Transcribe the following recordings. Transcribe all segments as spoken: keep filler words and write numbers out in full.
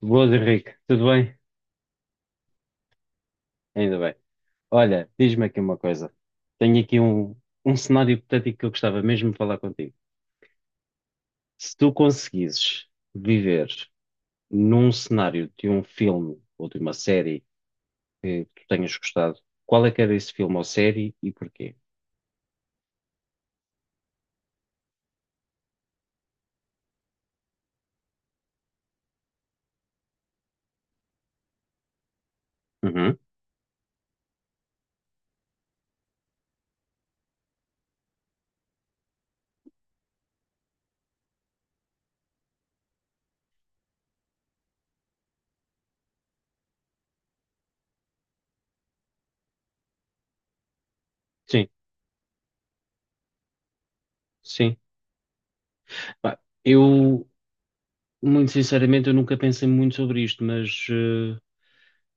Boas, Henrique. Tudo bem? Ainda bem. Olha, diz-me aqui uma coisa. Tenho aqui um, um cenário hipotético que eu gostava mesmo de falar contigo. Se tu conseguisses viver num cenário de um filme ou de uma série que tu tenhas gostado, qual é que era esse filme ou série e porquê? Uhum. Sim, sim. Pá, eu, muito sinceramente, eu nunca pensei muito sobre isto, mas eh,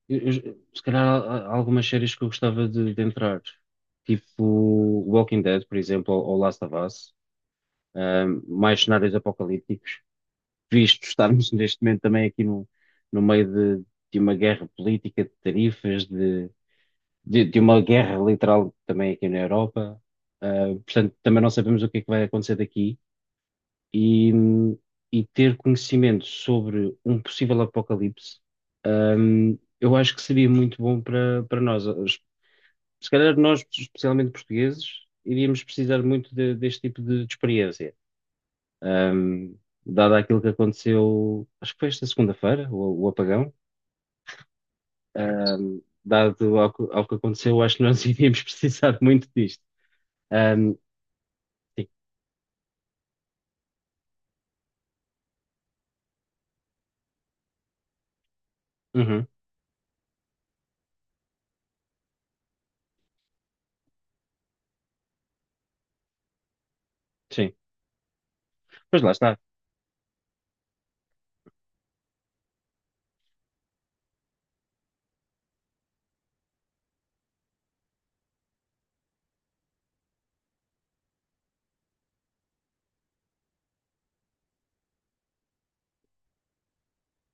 Eu- eu- se calhar há, há algumas séries que eu gostava de, de entrar, tipo Walking Dead, por exemplo, ou, ou Last of Us, ahm, mais cenários apocalípticos, visto estarmos neste momento também aqui no, no meio de, de uma guerra política, de tarifas, de, de, de uma guerra literal também aqui na Europa. Ah, portanto, também não sabemos o que é que vai acontecer daqui e, e ter conhecimento sobre um possível apocalipse. Hum, eu acho que seria muito bom para, para nós. Os- Se calhar nós, especialmente portugueses, iríamos precisar muito de- deste tipo de, de experiência. Hum, dado aquilo que aconteceu, acho que foi esta segunda-feira, o, o apagão. Hum, dado ao, que ao que aconteceu, acho que nós iríamos precisar muito disto. Hum, sim. Uhum, sim. Mas lá está.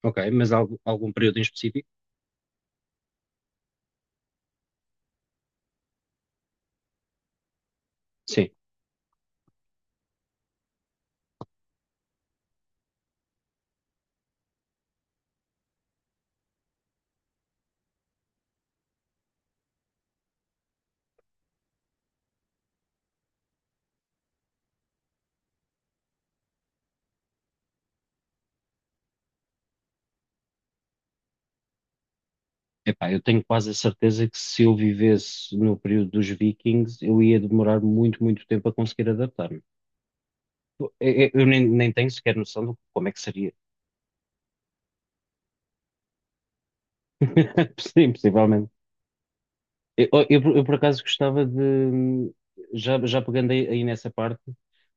Ok, mas algu- algum período em específico? Sim. Epá, eu tenho quase a certeza que se eu vivesse no período dos Vikings, eu ia demorar muito, muito tempo a conseguir adaptar-me. Eu, eu- eu nem, nem tenho sequer noção de como é que seria. Sim, possivelmente. Eu, eu- eu, por acaso gostava de. Já, já pegando aí, aí nessa parte,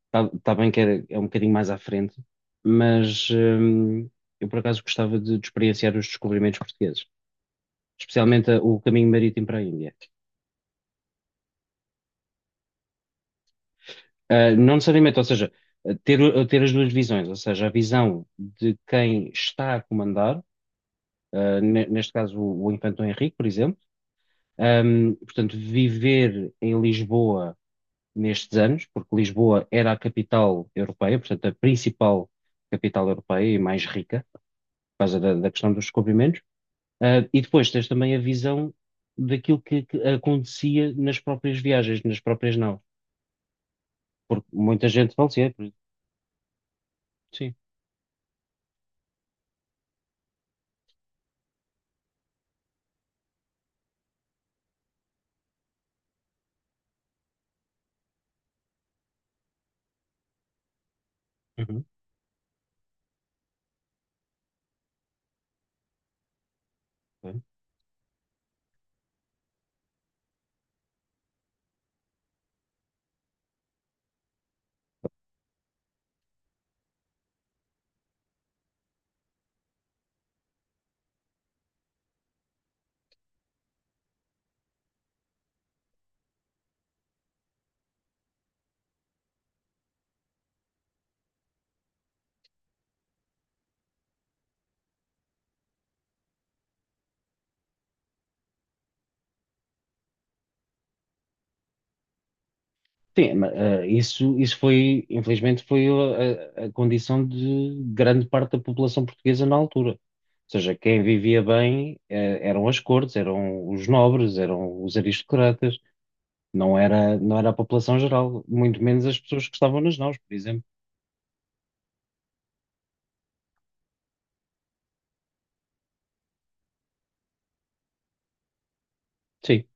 está tá tá bem que é, é um bocadinho mais à frente, mas hum, eu por acaso gostava de, de experienciar os descobrimentos portugueses, especialmente a- o caminho marítimo para a Índia. Uh, não necessariamente, ou seja, uh, ter, uh, ter as duas visões, ou seja, a visão de quem está a comandar, uh, ne- neste caso o, o Infante Dom Henrique, por exemplo, um, portanto, viver em Lisboa nestes anos, porque Lisboa era a capital europeia, portanto, a principal capital europeia e mais rica, por causa da, da questão dos descobrimentos. Uh, e depois tens também a visão daquilo que, que acontecia nas próprias viagens, nas próprias não, porque muita gente falecia, por exemplo. Sim. Uhum. Sim, mas, eh, isso, isso foi, infelizmente, foi a, a- a condição de grande parte da população portuguesa na altura. Ou seja, quem vivia bem, eh, eram as cortes, eram os nobres, eram os aristocratas, não era, não era a população geral, muito menos as pessoas que estavam nas naus, por exemplo. Sim,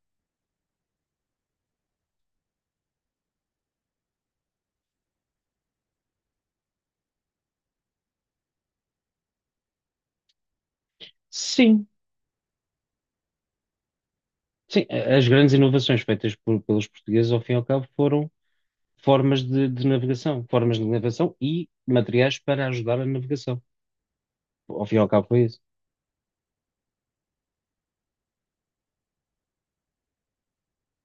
sim, sim. A- As grandes inovações feitas por- pelos portugueses, ao fim e ao cabo, foram formas de, de navegação, formas de navegação e materiais para ajudar a navegação. Ao fim e ao cabo, foi isso.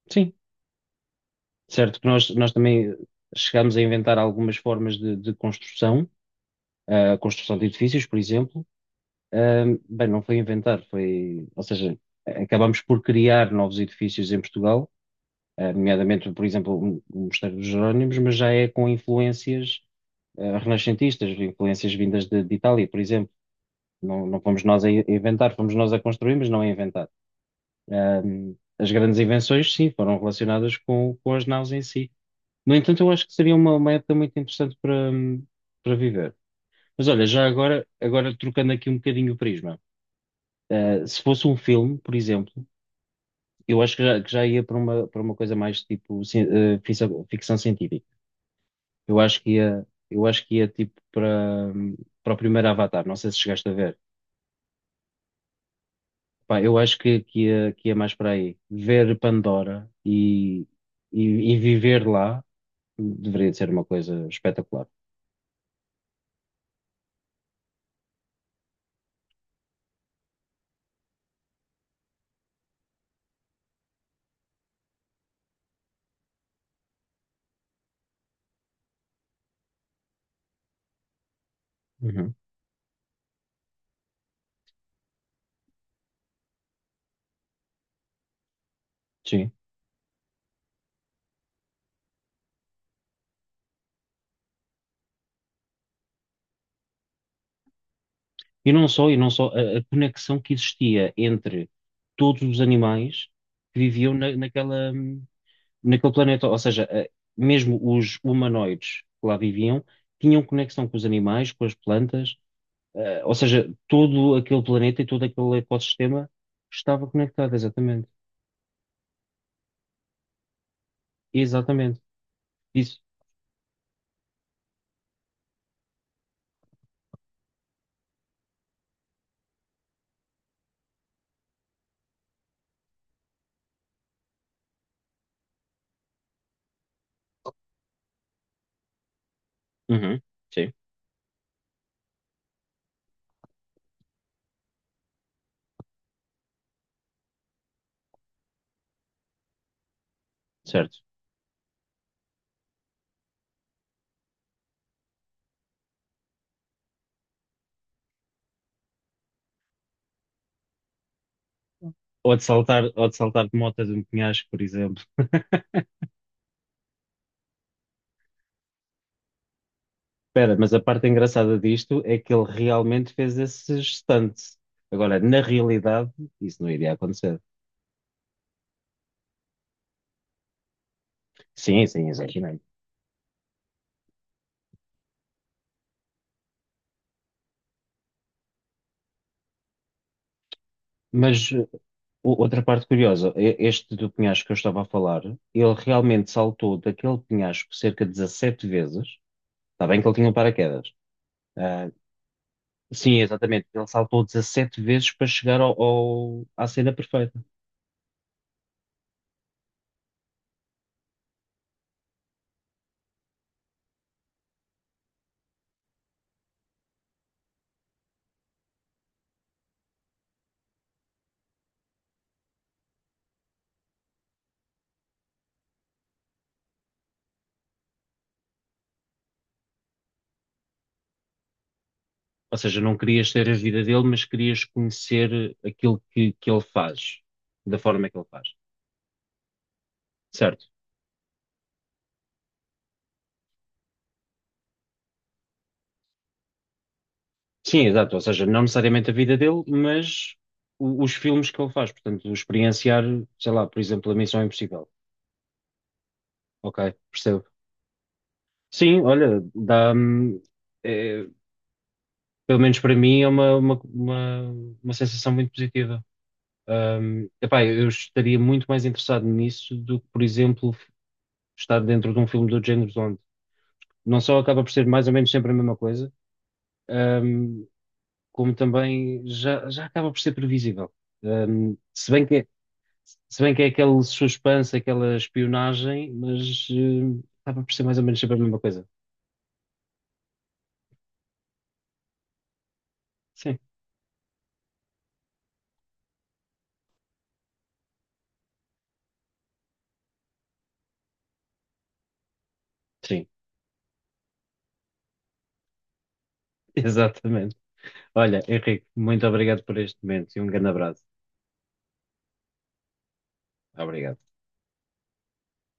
Sim. Certo que nós, nós também chegámos a inventar algumas formas de, de construção, eh, a construção de edifícios, por exemplo. Ahm, bem, não foi inventar, foi, ou seja, acabámos por criar novos edifícios em Portugal, ah, nomeadamente, por exemplo, o o Mosteiro dos Jerónimos, mas já é com influências, ah, renascentistas, influências vindas de, de Itália, por exemplo. Não, não fomos nós a i- a inventar, fomos nós a construir, mas não a inventar. Ahm, as grandes invenções, sim, foram relacionadas com, com as naus em si. No entanto, eu acho que seria uma, uma época muito interessante para, para viver. Mas olha, já agora, agora trocando aqui um bocadinho o prisma, eh, se fosse um filme, por exemplo, eu acho que já, que já ia para uma, para uma coisa mais tipo ci- eh, ficção, ficção científica. Eu acho que ia, eu acho que ia tipo para, hum, para o primeiro Avatar, não sei se chegaste a ver. Pá, eu acho que, que ia, que ia mais para aí. Ver Pandora e, e, e viver lá deveria de ser uma coisa espetacular. Uhum. Sim. E não só, e não só, a, a conexão que existia entre todos os animais que viviam na- naquela, naquele planeta. Ou seja, eh, mesmo os humanoides que lá viviam tinham conexão com os animais, com as plantas, eh, ou seja, todo aquele planeta e todo aquele ecossistema estava conectado, exatamente. Exatamente. Isso. Uhum. Sim, certo. Ou de saltar, ou de saltar de moto de um penhasco, por exemplo. Espera, mas a parte engraçada disto é que ele realmente fez esse stunt. Agora, na realidade, isso não iria acontecer. Sim, sim, exaginei. Mas uh, o- outra parte curiosa, e- este do penhasco que eu estava a falar, ele realmente saltou daquele penhasco cerca de dezassete vezes. Está bem que ele tinha um paraquedas. Ah, sim, exatamente. Ele saltou dezassete vezes para chegar ao, ao- à cena perfeita. Ou seja, não querias ter a vida dele, mas querias conhecer aquilo que, que ele faz, da forma que ele faz. Certo. Sim, exato. Ou seja, não necessariamente a vida dele, mas o- os filmes que ele faz. Portanto, experienciar, sei lá, por exemplo, a Missão Impossível. Ok, percebo. Sim, olha, dá, hum, é, pelo menos para mim, é uma, uma, uma, uma sensação muito positiva. Hum, epá, eu estaria muito mais interessado nisso do que, por exemplo, estar dentro de um filme do género onde não só acaba por ser mais ou menos sempre a mesma coisa, hum, como também já, já acaba por ser previsível. Um, se bem que Se bem que é aquele suspense, aquela espionagem, mas eh, acaba por ser mais ou menos sempre a mesma coisa. Sim, sim, exatamente. Olha, Henrique, muito obrigado por este momento e um grande abraço. Obrigado.